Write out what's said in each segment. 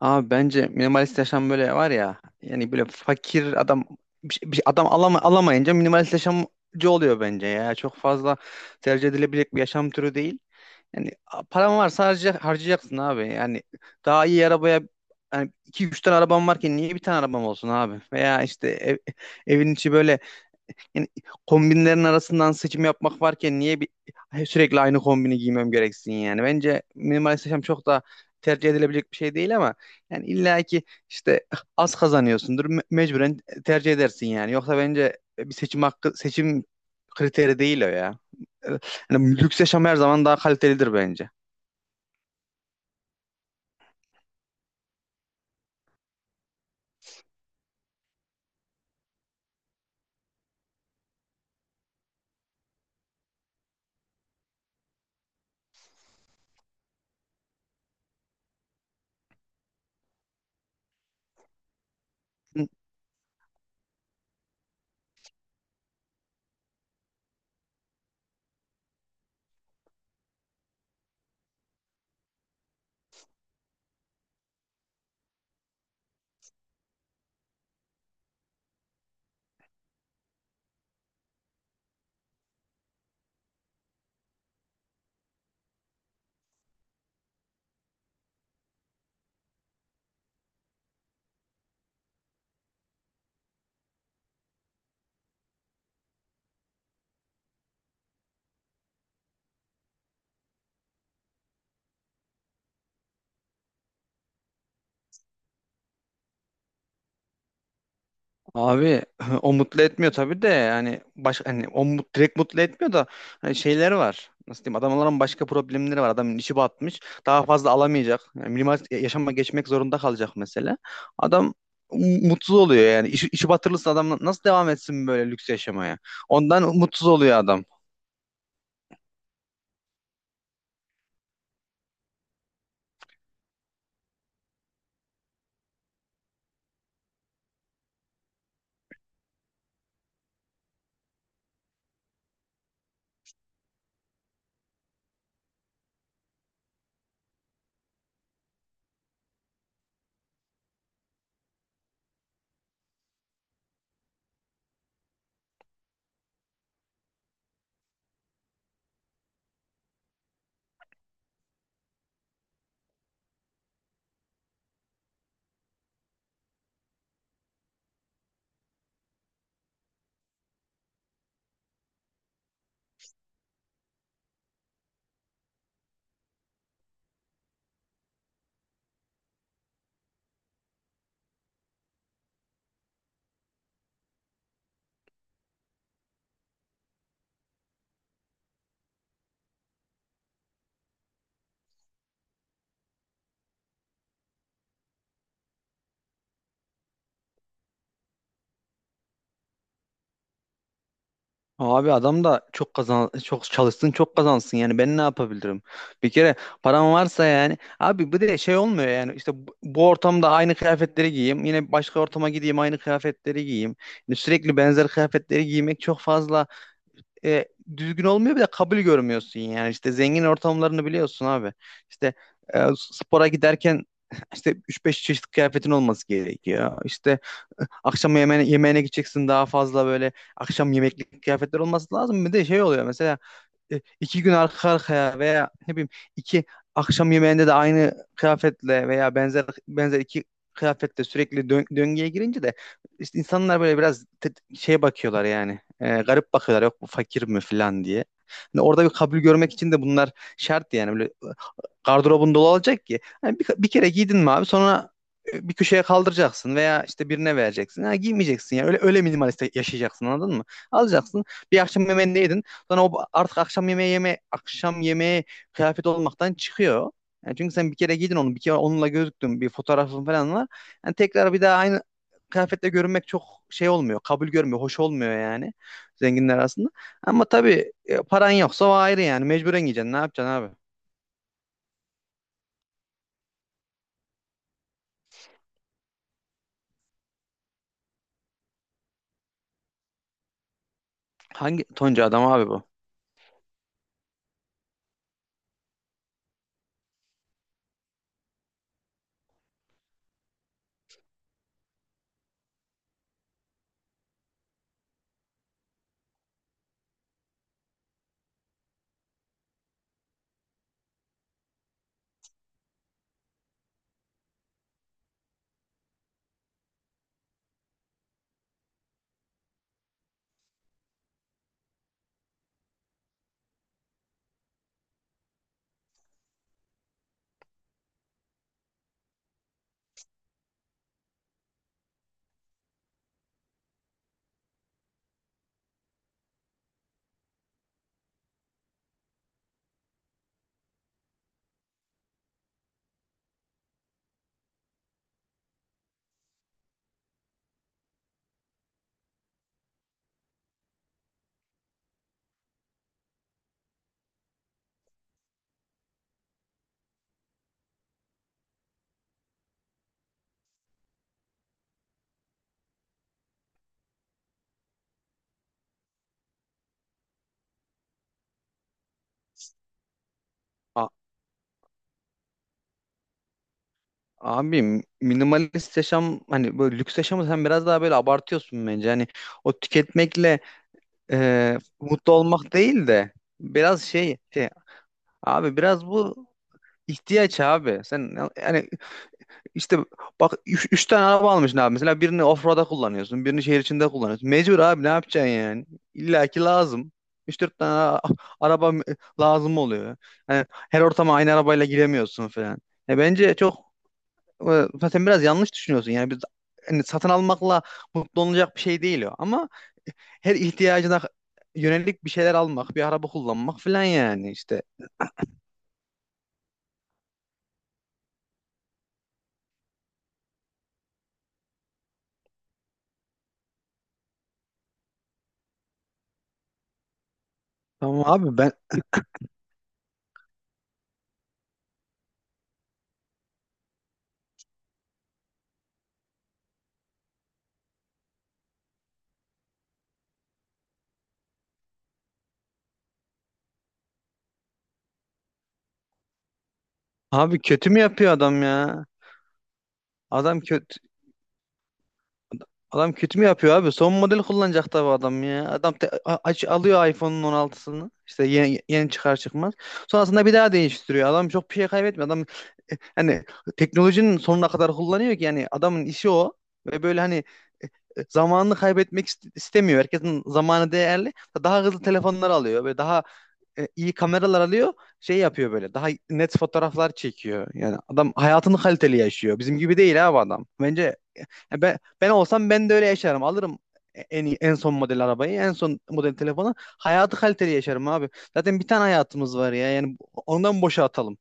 Abi bence minimalist yaşam böyle var ya yani böyle fakir adam bir, şey- bir şey- adam alama, alamayınca minimalist yaşamcı oluyor bence ya. Çok fazla tercih edilebilecek bir yaşam türü değil. Yani paran varsa harcayacaksın abi. Yani daha iyi arabaya yani iki üç tane arabam varken niye bir tane arabam olsun abi? Veya işte evin içi böyle yani kombinlerin arasından seçim yapmak varken niye bir sürekli aynı kombini giymem gereksin yani? Bence minimalist yaşam çok da tercih edilebilecek bir şey değil ama yani illa ki işte az kazanıyorsundur mecburen tercih edersin yani. Yoksa bence bir seçim kriteri değil o ya. Yani lüks yaşam her zaman daha kalitelidir bence. Abi o mutlu etmiyor tabii de yani hani direkt mutlu etmiyor da hani şeyleri var. Nasıl diyeyim? Adamların başka problemleri var. Adamın işi batmış. Daha fazla alamayacak. Yani minimal yaşama geçmek zorunda kalacak mesela. Adam mutsuz oluyor yani. İşi batırılırsa adam nasıl devam etsin böyle lüks yaşamaya? Ondan mutsuz oluyor adam. Abi adam da çok çalışsın çok kazansın yani ben ne yapabilirim? Bir kere param varsa yani abi bu de şey olmuyor yani işte bu ortamda aynı kıyafetleri giyeyim, yine başka ortama gideyim aynı kıyafetleri giyeyim. Yani sürekli benzer kıyafetleri giymek çok fazla e, düzgün olmuyor, bir de kabul görmüyorsun yani işte zengin ortamlarını biliyorsun abi. İşte spora giderken işte üç beş çeşit kıyafetin olması gerekiyor. İşte akşam yemeğine gideceksin, daha fazla böyle akşam yemeklik kıyafetler olması lazım. Bir de şey oluyor mesela iki gün arka arkaya veya ne bileyim iki akşam yemeğinde de aynı kıyafetle veya benzer benzer iki kıyafetle sürekli döngüye girince de işte insanlar böyle biraz şeye bakıyorlar yani, garip bakıyorlar, yok bu fakir mi falan diye. Hani orada bir kabul görmek için de bunlar şart yani, böyle gardırobun dolu olacak ki. Hani bir kere giydin mi abi sonra bir köşeye kaldıracaksın veya işte birine vereceksin. Ha, giymeyeceksin yani, öyle öyle minimalist yaşayacaksın, anladın mı? Alacaksın, bir akşam yemeğini de yedin, sonra o artık akşam yemeği kıyafet olmaktan çıkıyor. Yani çünkü sen bir kere giydin onu, bir kere onunla gözüktün, bir fotoğrafın falan var. Yani tekrar bir daha aynı kıyafetle görünmek çok şey olmuyor, kabul görmüyor, hoş olmuyor yani zenginler arasında. Ama tabii paran yoksa o ayrı, yani mecburen giyeceksin, ne yapacaksın abi? Hangi Tonca adam abi bu? A- Abi minimalist yaşam hani böyle lüks yaşamı sen biraz daha böyle abartıyorsun bence. Hani o tüketmekle mutlu olmak değil de biraz şey abi, biraz bu ihtiyaç abi. Sen yani işte bak üç tane araba almışsın abi. Mesela birini offroad'a kullanıyorsun, birini şehir içinde kullanıyorsun. Mecbur abi, ne yapacaksın yani? İlla ki lazım. Üç dört tane araba lazım oluyor. Yani her ortama aynı arabayla giremiyorsun falan. E bence çok sen biraz yanlış düşünüyorsun. Yani hani satın almakla mutlu olunacak bir şey değil o. Ama her ihtiyacına yönelik bir şeyler almak, bir araba kullanmak falan yani işte. Tamam abi. Abi kötü mü yapıyor adam ya? Adam kötü adam kötü mü yapıyor abi? Son model kullanacak tabii adam ya. Adam aç alıyor iPhone'un 16'sını. İşte yeni çıkar çıkmaz. Sonrasında bir daha değiştiriyor. Adam çok bir şey kaybetmiyor. Adam hani teknolojinin sonuna kadar kullanıyor ki yani, adamın işi o. Ve böyle hani zamanını kaybetmek istemiyor. Herkesin zamanı değerli. Daha hızlı telefonlar alıyor ve daha iyi kameralar alıyor. Şey yapıyor böyle. Daha net fotoğraflar çekiyor. Yani adam hayatını kaliteli yaşıyor. Bizim gibi değil abi adam. Bence ya, ben olsam ben de öyle yaşarım. Alırım en iyi, en son model arabayı, en son model telefonu. Hayatı kaliteli yaşarım abi. Zaten bir tane hayatımız var ya. Yani ondan boşa atalım.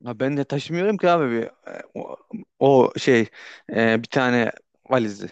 Ya ben de taşımıyorum ki abi bir, e, o, o şey e, bir tane valizi.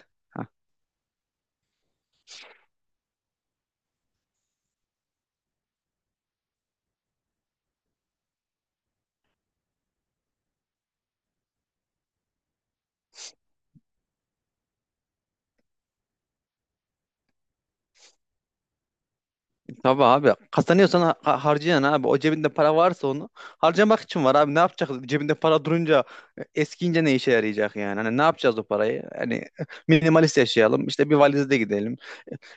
Tabii abi, kazanıyorsan harcayan abi, o cebinde para varsa onu harcamak için var abi. Ne yapacak cebinde para durunca eskiyince, ne işe yarayacak yani? Hani ne yapacağız o parayı? Hani minimalist yaşayalım, işte bir valizde gidelim,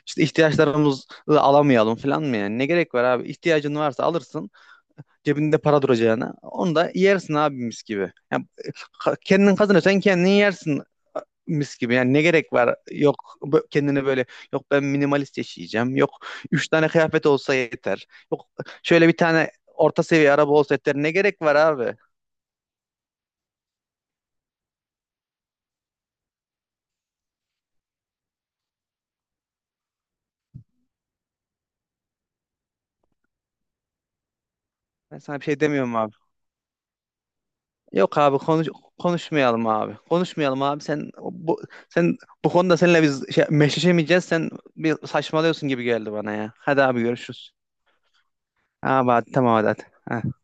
işte ihtiyaçlarımızı alamayalım falan mı yani? Ne gerek var abi? İhtiyacın varsa alırsın, cebinde para duracağına onu da yersin abi, mis gibi yani. Kendin kazanıyorsan kendin yersin, mis gibi. Yani ne gerek var? Yok kendini böyle, yok ben minimalist yaşayacağım, yok üç tane kıyafet olsa yeter, yok şöyle bir tane orta seviye araba olsa yeter. Ne gerek var abi? Ben sana bir şey demiyorum abi. Yok abi, konuşmayalım abi. Konuşmayalım abi. Sen bu konuda seninle biz meşleşemeyeceğiz. Sen bir saçmalıyorsun gibi geldi bana ya. Hadi abi, görüşürüz. Abi hadi, tamam hadi. Hadi. Ha.